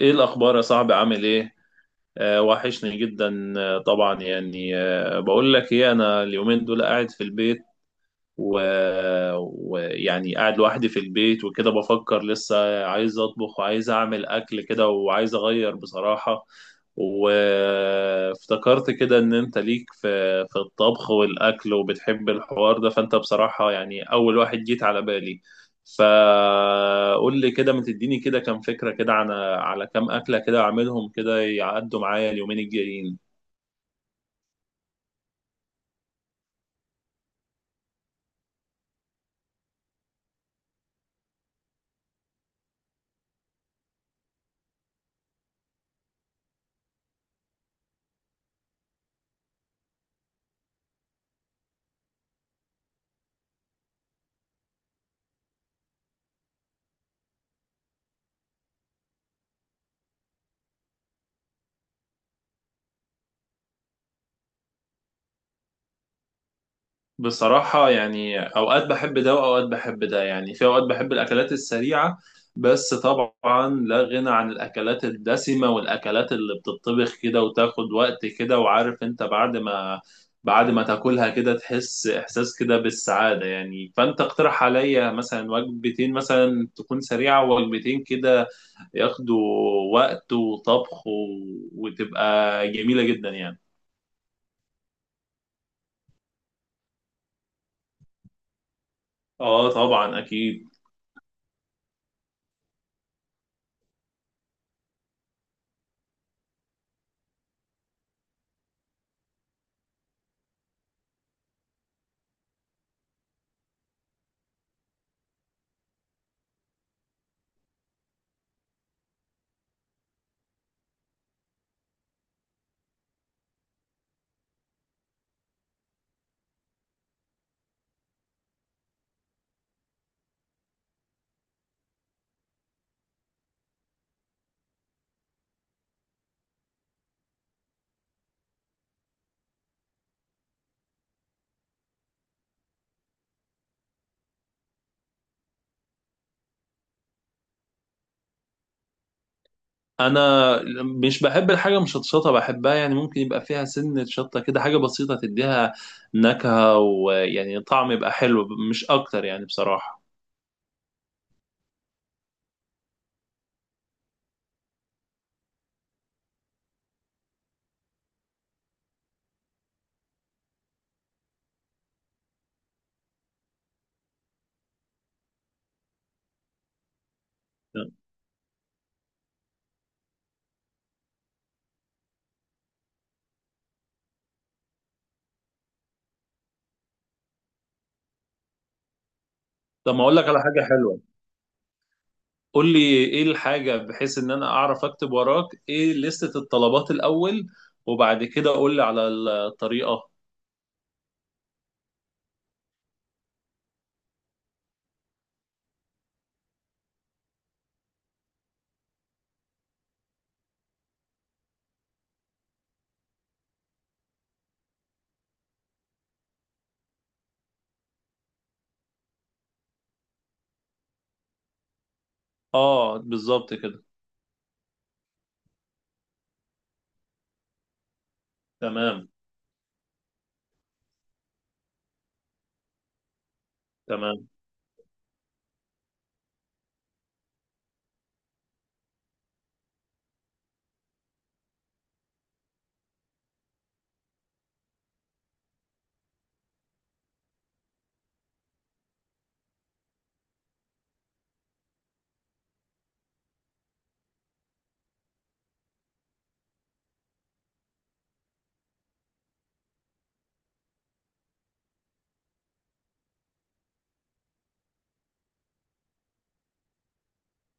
ايه الاخبار يا صاحبي؟ عامل ايه؟ آه، وحشني جدا. آه طبعا، يعني، بقول لك ايه، انا اليومين دول قاعد في البيت و- ويعني قاعد لوحدي في البيت وكده، بفكر لسه عايز اطبخ وعايز اعمل اكل كده، وعايز اغير بصراحة. وافتكرت كده ان انت ليك في الطبخ والاكل وبتحب الحوار ده، فانت بصراحة يعني اول واحد جيت على بالي. فقول لي كده، ما تديني كده كام فكرة كده على كام أكلة كده، أعملهم كده يعدوا معايا اليومين الجايين. بصراحة يعني أوقات بحب ده وأوقات بحب ده، يعني في أوقات بحب الأكلات السريعة، بس طبعا لا غنى عن الأكلات الدسمة والأكلات اللي بتطبخ كده وتاخد وقت كده، وعارف أنت بعد ما تاكلها كده تحس إحساس كده بالسعادة يعني. فأنت اقترح عليا مثلا وجبتين مثلا تكون سريعة، ووجبتين كده ياخدوا وقت وطبخ وتبقى جميلة جدا يعني. آه طبعا أكيد. انا مش بحب الحاجه مشطشطه، بحبها يعني ممكن يبقى فيها سنه شطه كده، حاجه بسيطه تديها نكهه ويعني طعم يبقى حلو مش اكتر يعني بصراحه. طب، ما اقول لك على حاجه حلوه. قول لي ايه الحاجه، بحيث ان انا اعرف اكتب وراك ايه لستة الطلبات الاول، وبعد كده قول لي على الطريقه. اه، بالظبط كده. تمام، تمام.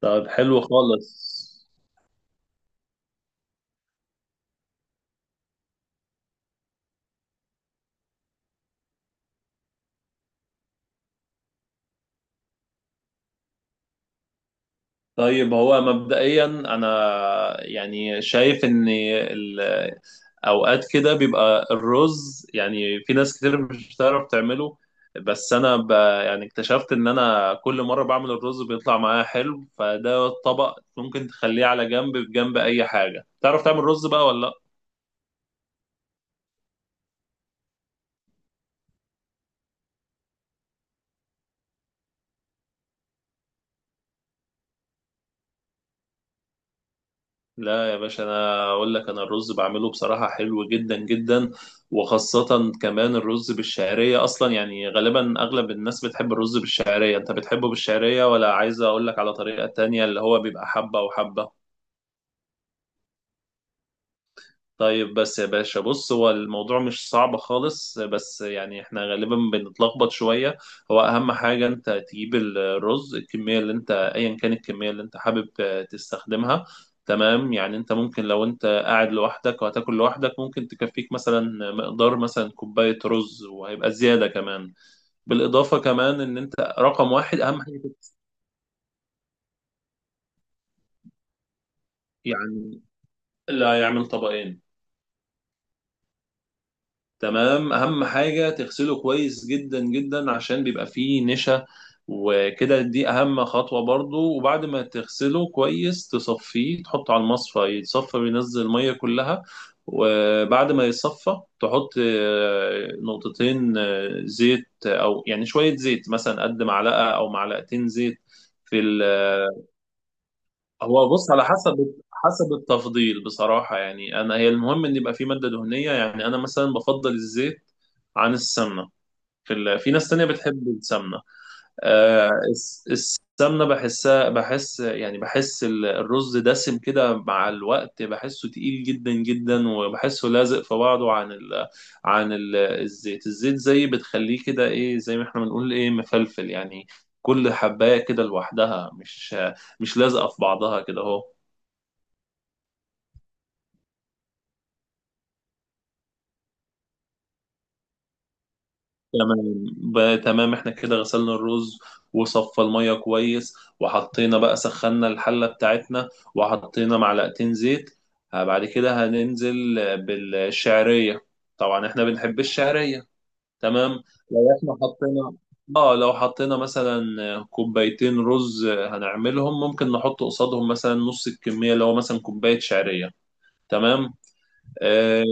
طب، حلو خالص. طيب، هو مبدئيا انا يعني شايف ان اوقات كده بيبقى الرز، يعني في ناس كتير مش بتعرف تعمله، بس انا يعني اكتشفت ان انا كل مره بعمل الرز بيطلع معايا حلو، فده الطبق ممكن تخليه على جنب بجنب اي حاجه. تعرف تعمل رز بقى ولا لا؟ لا يا باشا، انا اقول لك، انا الرز بعمله بصراحه حلو جدا جدا، وخاصه كمان الرز بالشعريه. اصلا يعني غالبا اغلب الناس بتحب الرز بالشعريه. انت بتحبه بالشعريه ولا عايز اقول لك على طريقه تانية، اللي هو بيبقى حبه وحبه؟ طيب، بس يا باشا بص، هو الموضوع مش صعب خالص، بس يعني احنا غالبا بنتلخبط شوية. هو أهم حاجة أنت تجيب الرز، الكمية اللي أنت، أيا كان الكمية اللي أنت حابب تستخدمها. تمام. يعني أنت ممكن لو أنت قاعد لوحدك وهتاكل لوحدك، ممكن تكفيك مثلا مقدار مثلا كوباية رز، وهيبقى زيادة كمان. بالإضافة كمان، إن أنت رقم واحد أهم حاجة. يعني اللي هيعمل طبقين. تمام. اهم حاجه تغسله كويس جدا جدا، عشان بيبقى فيه نشا، وكده دي اهم خطوه برضو. وبعد ما تغسله كويس، تصفيه، تحطه على المصفى يتصفى، بينزل الميه كلها. وبعد ما يتصفى، تحط نقطتين زيت، او يعني شويه زيت مثلا، قد معلقه او معلقتين زيت. في ال- آه، هو بص، على حسب التفضيل بصراحة. يعني أنا، هي المهم إن يبقى في مادة دهنية، يعني أنا مثلا بفضل الزيت عن السمنة. في ناس تانية بتحب السمنة. آه، السمنة بحسها، بحس يعني، بحس الرز دسم كده مع الوقت، بحسه تقيل جدا جدا، وبحسه لازق في بعضه، عن الزيت. الزيت زي بتخليه كده إيه، زي ما إحنا بنقول إيه، مفلفل يعني، كل حباية كده لوحدها، مش لازقة في بعضها كده أهو. تمام. بقى تمام، احنا كده غسلنا الرز وصفى المية كويس، وحطينا، بقى سخنا الحلة بتاعتنا، وحطينا معلقتين زيت. بعد كده هننزل بالشعرية، طبعا احنا بنحب الشعرية. تمام. لو احنا حطينا، اه لو حطينا مثلا كوبايتين رز هنعملهم، ممكن نحط قصادهم مثلا نص الكمية، اللي هو مثلا كوباية شعرية. تمام. آه،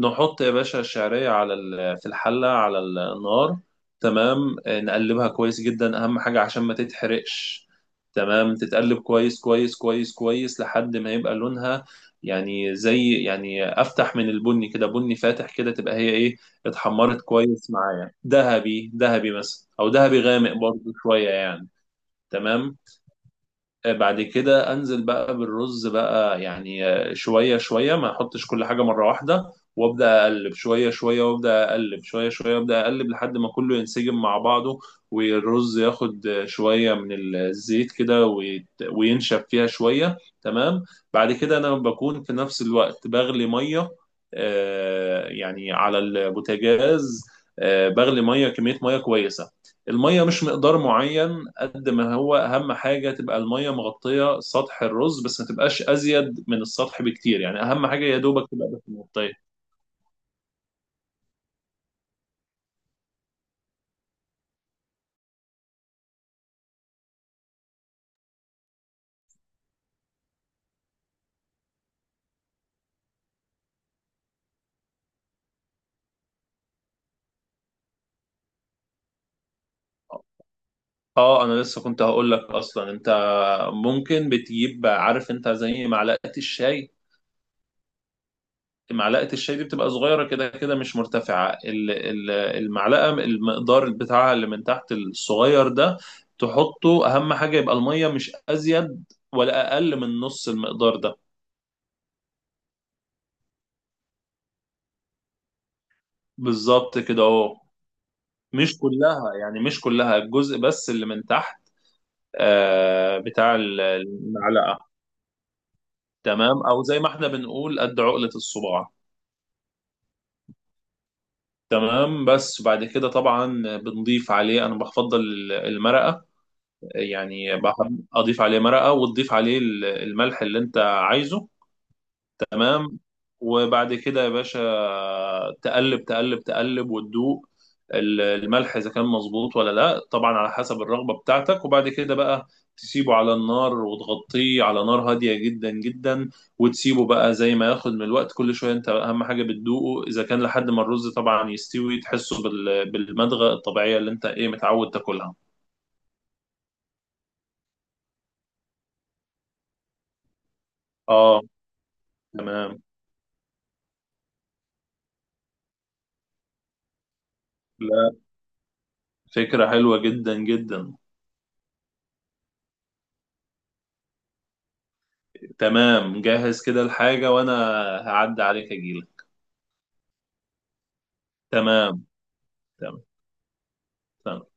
نحط يا باشا الشعرية على في الحلة على النار. تمام، نقلبها كويس جدا، أهم حاجة عشان ما تتحرقش. تمام، تتقلب كويس كويس كويس كويس لحد ما يبقى لونها، يعني زي، يعني أفتح من البني كده، بني فاتح كده، تبقى هي إيه، اتحمرت كويس معايا. ذهبي ذهبي مثلا، أو ذهبي غامق برضو شوية يعني. تمام. بعد كده انزل بقى بالرز بقى، يعني شويه شويه، ما احطش كل حاجه مره واحده، وابدا اقلب شويه شويه، وابدا اقلب شويه شويه، وابدا اقلب لحد ما كله ينسجم مع بعضه، والرز ياخد شويه من الزيت كده وينشف فيها شويه. تمام. بعد كده انا بكون في نفس الوقت بغلي ميه، يعني على البوتاجاز، بغلي ميه، كميه ميه كويسه. المية مش مقدار معين قد ما هو، أهم حاجة تبقى المية مغطية سطح الرز، بس ما تبقاش أزيد من السطح بكتير، يعني أهم حاجة يا دوبك تبقى بس مغطية. اه، انا لسه كنت هقول لك اصلا، انت ممكن بتجيب، عارف انت، زي معلقه الشاي. معلقه الشاي دي بتبقى صغيره كده كده، مش مرتفعه، المعلقه المقدار بتاعها اللي من تحت الصغير ده، تحطه، اهم حاجه يبقى الميه مش ازيد ولا اقل من نص المقدار ده. بالظبط كده اهو. مش كلها يعني، مش كلها، الجزء بس اللي من تحت، آه، بتاع المعلقة. تمام، او زي ما احنا بنقول قد عقلة الصباع. تمام. بس بعد كده طبعا بنضيف عليه، انا بفضل المرقة، يعني بحب اضيف عليه مرقة، وتضيف عليه الملح اللي انت عايزه. تمام. وبعد كده يا باشا تقلب تقلب تقلب وتدوق الملح، اذا كان مظبوط ولا لا، طبعا على حسب الرغبه بتاعتك. وبعد كده بقى تسيبه على النار وتغطيه على نار هاديه جدا جدا، وتسيبه بقى زي ما ياخد من الوقت. كل شويه انت اهم حاجه بتدوقه، اذا كان، لحد ما الرز طبعا يستوي، تحسه بالمضغه الطبيعيه اللي انت ايه متعود تاكلها. اه، تمام. لا، فكره حلوه جدا جدا. تمام، جهز كده الحاجة وأنا هعدي عليك أجيلك. تمام. تمام. تمام.